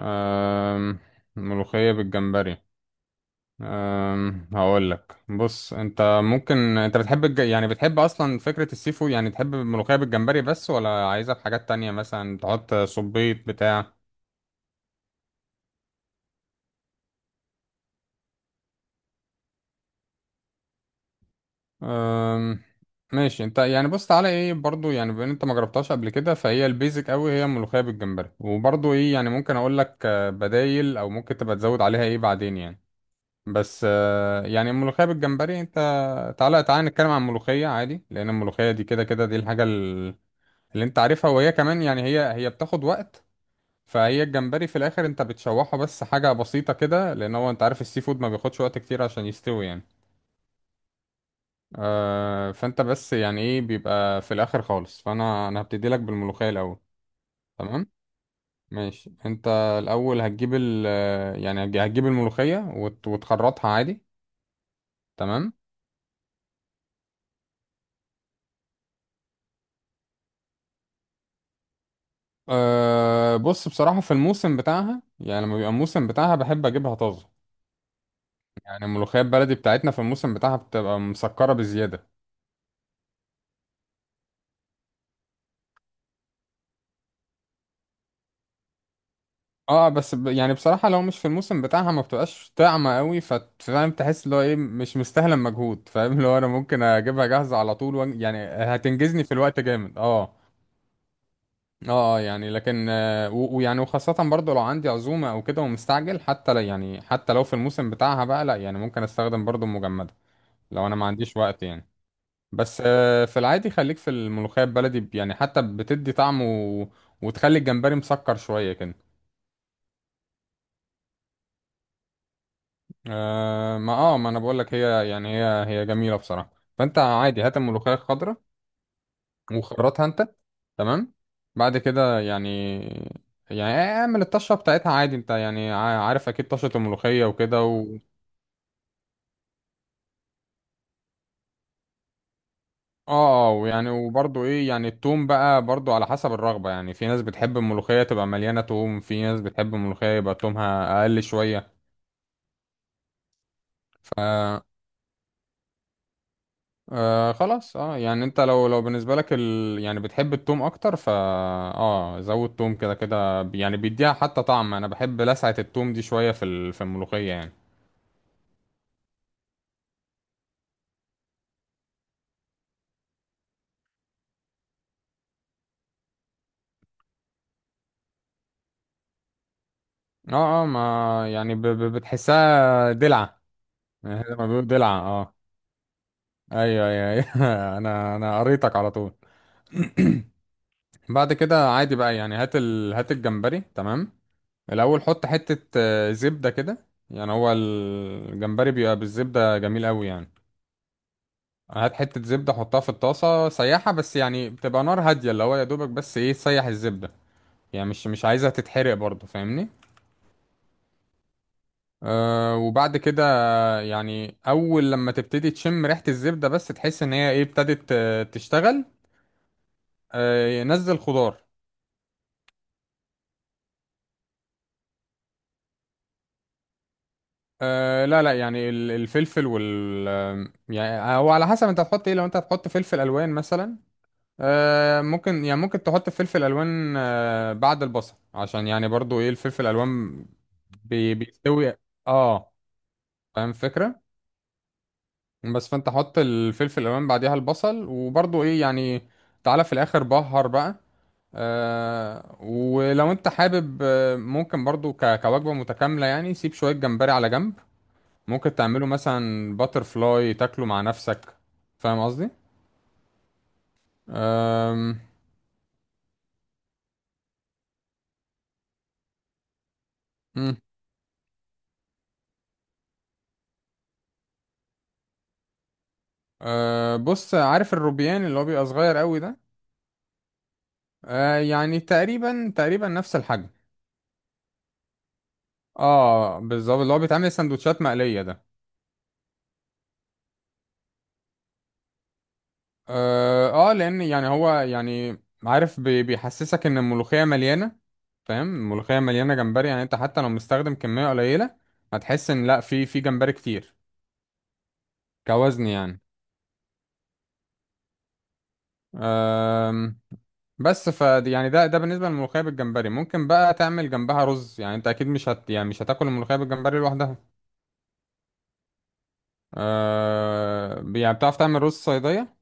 أم... ملوخية بالجمبري. هقول لك، بص، انت ممكن بتحب يعني بتحب اصلا فكرة السي فود؟ يعني تحب الملوخية بالجمبري بس، ولا عايزها بحاجات تانية، مثلا تحط صبيط بتاع؟ أم... ماشي. انت يعني بص، تعالى ايه برضو، يعني بما ان انت ما جربتهاش قبل كده فهي البيزك قوي، هي الملوخية بالجمبري. وبرضو ايه يعني ممكن اقول لك بدايل، او ممكن تبقى تزود عليها ايه بعدين يعني. بس يعني الملوخية بالجمبري انت تعالى تعالى نتكلم عن الملوخية عادي، لأن الملوخية دي كده كده دي الحاجة اللي انت عارفها، وهي كمان يعني هي هي بتاخد وقت. فهي الجمبري في الآخر انت بتشوحه بس، حاجة بسيطة كده، لأن هو انت عارف السي فود ما بياخدش وقت كتير عشان يستوي يعني. آه، فانت بس يعني ايه بيبقى في الآخر خالص. فأنا هبتدي لك بالملوخية الأول. تمام. ماشي. انت الأول هتجيب ال... يعني هتجيب الملوخية وتخرطها عادي. تمام. أه، بص بصراحة في الموسم بتاعها يعني، لما بيبقى الموسم بتاعها بحب أجيبها طازة. يعني الملوخية البلدي بتاعتنا في الموسم بتاعها بتبقى مسكرة بزيادة. اه، بس يعني بصراحة لو مش في الموسم بتاعها ما بتبقاش طعمة قوي، فاهم؟ تحس اللي هو ايه مش مستاهلة المجهود، فاهم؟ اللي هو انا ممكن اجيبها جاهزة على طول يعني هتنجزني في الوقت جامد. اه. اه، يعني لكن ويعني وخاصة برضو لو عندي عزومة او كده ومستعجل، حتى لا يعني حتى لو في الموسم بتاعها بقى لا، يعني ممكن استخدم برضو المجمدة لو انا ما عنديش وقت يعني. بس في العادي خليك في الملوخية البلدي، يعني حتى بتدي طعم و... وتخلي الجمبري مسكر شوية كده. آه، ما اه ما انا بقول لك، هي يعني هي هي جميلة بصراحة. فانت عادي هات الملوخية الخضراء وخرطها انت. تمام. بعد كده يعني، يعني اعمل الطشة بتاعتها عادي، انت يعني عارف اكيد طشة الملوخية وكده و... اه، ويعني وبرضه ايه يعني التوم بقى برضه على حسب الرغبة. يعني في ناس بتحب الملوخية تبقى مليانة توم، في ناس بتحب الملوخية يبقى تومها اقل شوية. آه خلاص. اه يعني انت لو بالنسبه لك ال... يعني بتحب التوم اكتر، فا اه زود توم، كده كده يعني بيديها حتى طعم. انا بحب لسعه التوم دي شويه في ال... في الملوخيه يعني. اه اه، ما يعني بتحسها دلعه، يعني زي ما بيقولوا دلعه. اه. ايوه، ايوه، ايوه. انا قريتك على طول. بعد كده عادي بقى، يعني هات ال... هات الجمبري. تمام. الاول حط حته زبده كده، يعني هو الجمبري بيبقى بالزبده جميل قوي يعني. هات حتة زبدة حطها في الطاسة سيحها بس، يعني بتبقى نار هادية اللي هو يا دوبك بس ايه تسيح الزبدة، يعني مش عايزها تتحرق برضه، فاهمني؟ أه، وبعد كده يعني أول لما تبتدي تشم ريحة الزبدة بس تحس إن هي ايه، ابتدت تشتغل. أه، نزل خضار. أه، لا لا، يعني الفلفل وال يعني هو على حسب انت هتحط ايه. لو انت هتحط فلفل ألوان مثلا، آه ممكن يعني ممكن تحط فلفل الوان، آه بعد البصل عشان يعني برضو ايه الفلفل الالوان بي بيستوي. اه، فاهم الفكره؟ بس فانت حط الفلفل الالوان بعديها البصل، وبرضو ايه يعني تعالى في الاخر بهر بقى. آه، ولو انت حابب ممكن برضو كوجبه متكامله يعني سيب شويه جمبري على جنب، ممكن تعمله مثلا باتر فلاي تاكله مع نفسك، فاهم قصدي؟ آم، مم. أه، بص، عارف الروبيان اللي هو بيبقى صغير قوي ده؟ أه، يعني تقريبا تقريبا نفس الحجم. اه بالظبط، اللي هو بيتعمل سندوتشات مقلية ده. اه، لان يعني هو يعني عارف بيحسسك ان الملوخية مليانة، فاهم؟ الملوخية مليانة جمبري. يعني انت حتى لو مستخدم كمية قليلة هتحس ان لا، في جمبري كتير كوزن يعني. أم، بس ف يعني ده بالنسبة للملوخية بالجمبري. ممكن بقى تعمل جنبها رز، يعني انت اكيد مش هت يعني مش هتاكل الملوخية بالجمبري لوحدها. آه يعني بتعرف تعمل رز صيدية؟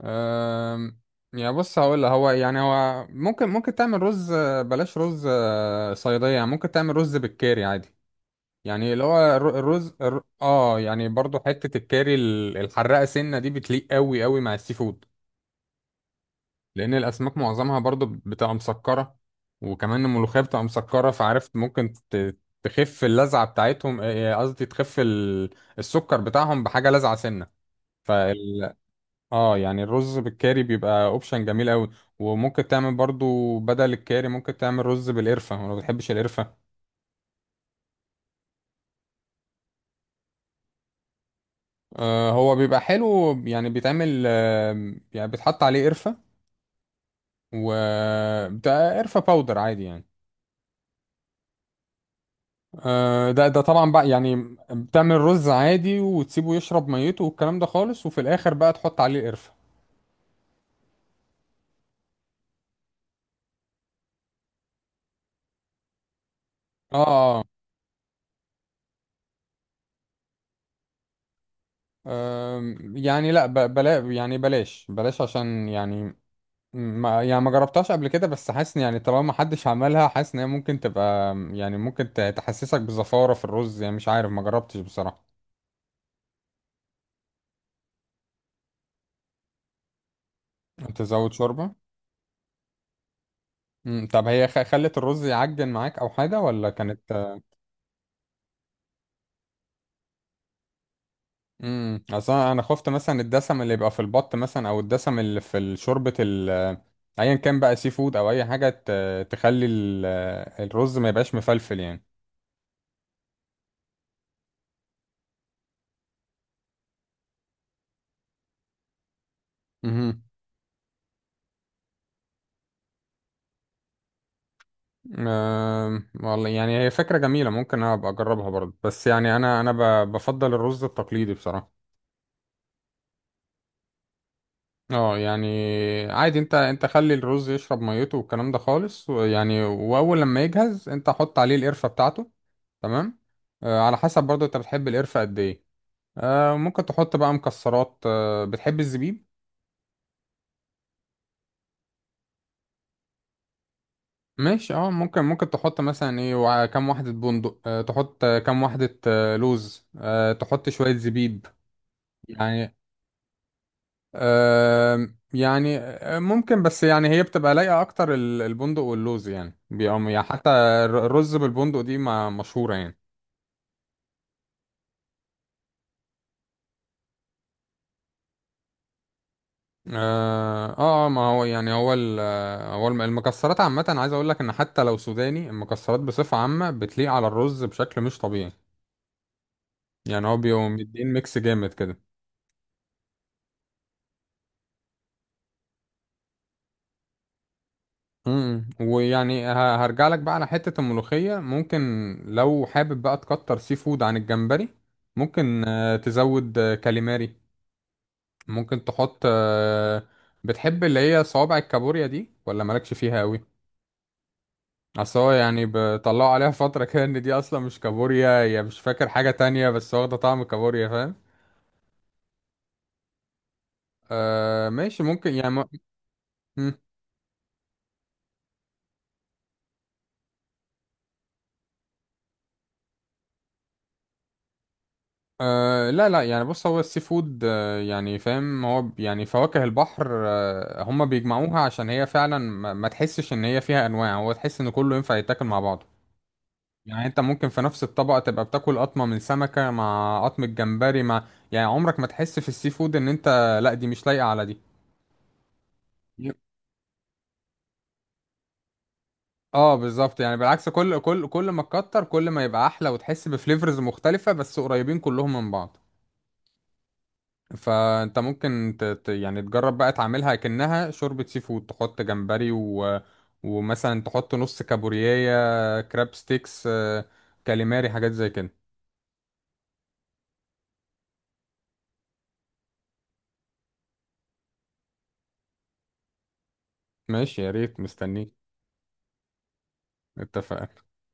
آه، يعني بص هقول لك، هو يعني هو ممكن تعمل رز بلاش رز صيدية، يعني ممكن تعمل رز بالكاري عادي. يعني اللي هو الرز اه يعني برضو حتة الكاري الحراقة سنة دي بتليق قوي قوي مع السي فود، لأن الأسماك معظمها برضو بتبقى مسكرة، وكمان الملوخية بتبقى مسكرة. فعرفت ممكن تخف اللذعة بتاعتهم، قصدي تخف السكر بتاعهم بحاجة لذعة سنة. اه، يعني الرز بالكاري بيبقى اوبشن جميل قوي. وممكن تعمل برضو بدل الكاري ممكن تعمل رز بالقرفة، وانا ما بتحبش القرفة. آه، هو بيبقى حلو، يعني بيتعمل آه يعني بيتحط عليه قرفة و... ده قرفة باودر عادي يعني. آه، ده ده طبعا بقى يعني بتعمل رز عادي وتسيبه يشرب ميته والكلام ده خالص، وفي الاخر بقى تحط عليه قرفة. اه، آم، يعني لا، بلا يعني بلاش بلاش عشان يعني ما يعني ما جربتهاش قبل كده، بس حاسس إن يعني طالما ما حدش عملها، حاسس ان هي ممكن تبقى يعني ممكن تحسسك بزفارة في الرز، يعني مش عارف ما جربتش بصراحة. تزود شوربة. مم. طب هي خلت الرز يعجن معاك او حاجة ولا كانت... امم، اصلا انا خفت مثلا الدسم اللي يبقى في البط مثلا، او الدسم اللي في شوربة ال... ايا كان بقى سي فود او اي حاجة ت... تخلي ال... الرز ما يبقاش مفلفل يعني. مهم. أم، والله يعني هي فكرة جميلة، ممكن أنا أبقى أجربها برضه. بس يعني أنا بفضل الرز التقليدي بصراحة. اه، يعني عادي، انت خلي الرز يشرب ميته والكلام ده خالص، ويعني واول لما يجهز انت حط عليه القرفة بتاعته. تمام. آه، على حسب برضه انت بتحب القرفة قد ايه. آه، ممكن تحط بقى مكسرات، آه بتحب الزبيب؟ ماشي. اه، ممكن تحط مثلا ايه، كام واحدة بندق، آه تحط كام واحدة آه لوز، آه تحط شوية زبيب. يعني آم، يعني ممكن. بس يعني هي بتبقى لايقة أكتر البندق واللوز، يعني بيقوم يعني حتى الرز بالبندق دي ما مشهورة يعني. ما هو يعني هو هو المكسرات عامة، عايز أقول لك إن حتى لو سوداني، المكسرات بصفة عامة بتليق على الرز بشكل مش طبيعي. يعني هو بيقوم مدين ميكس جامد كده. امم، ويعني هرجع لك بقى على حتة الملوخية. ممكن لو حابب بقى تكتر سي فود عن الجمبري، ممكن تزود كاليماري، ممكن تحط بتحب اللي هي صوابع الكابوريا دي ولا مالكش فيها قوي؟ اصل هو يعني بيطلعوا عليها فترة كده ان دي اصلا مش كابوريا، هي مش فاكر حاجة تانية بس واخدة طعم الكابوريا، فاهم؟ آه ماشي، ممكن يعني م... م- لا لا، يعني بص هو السي فود آه يعني فاهم، هو يعني فواكه البحر آه هما بيجمعوها عشان هي فعلا ما تحسش ان هي فيها انواع، هو تحس ان كله ينفع يتاكل مع بعض. يعني انت ممكن في نفس الطبق تبقى بتاكل قطمة من سمكة مع قطمة جمبري، مع يعني عمرك ما تحس في السي فود ان انت لا دي مش لايقة على دي. يب. اه بالظبط. يعني بالعكس كل ما تكتر كل ما يبقى احلى، وتحس بفليفرز مختلفة بس قريبين كلهم من بعض. فانت ممكن ت... ت- يعني تجرب بقى تعملها كأنها شوربة سي فود، تحط جمبري و... ومثلا تحط نص كابوريايا كراب ستيكس، كاليماري، حاجات زي كده. ماشي يا ريت مستنيك. اتفقنا.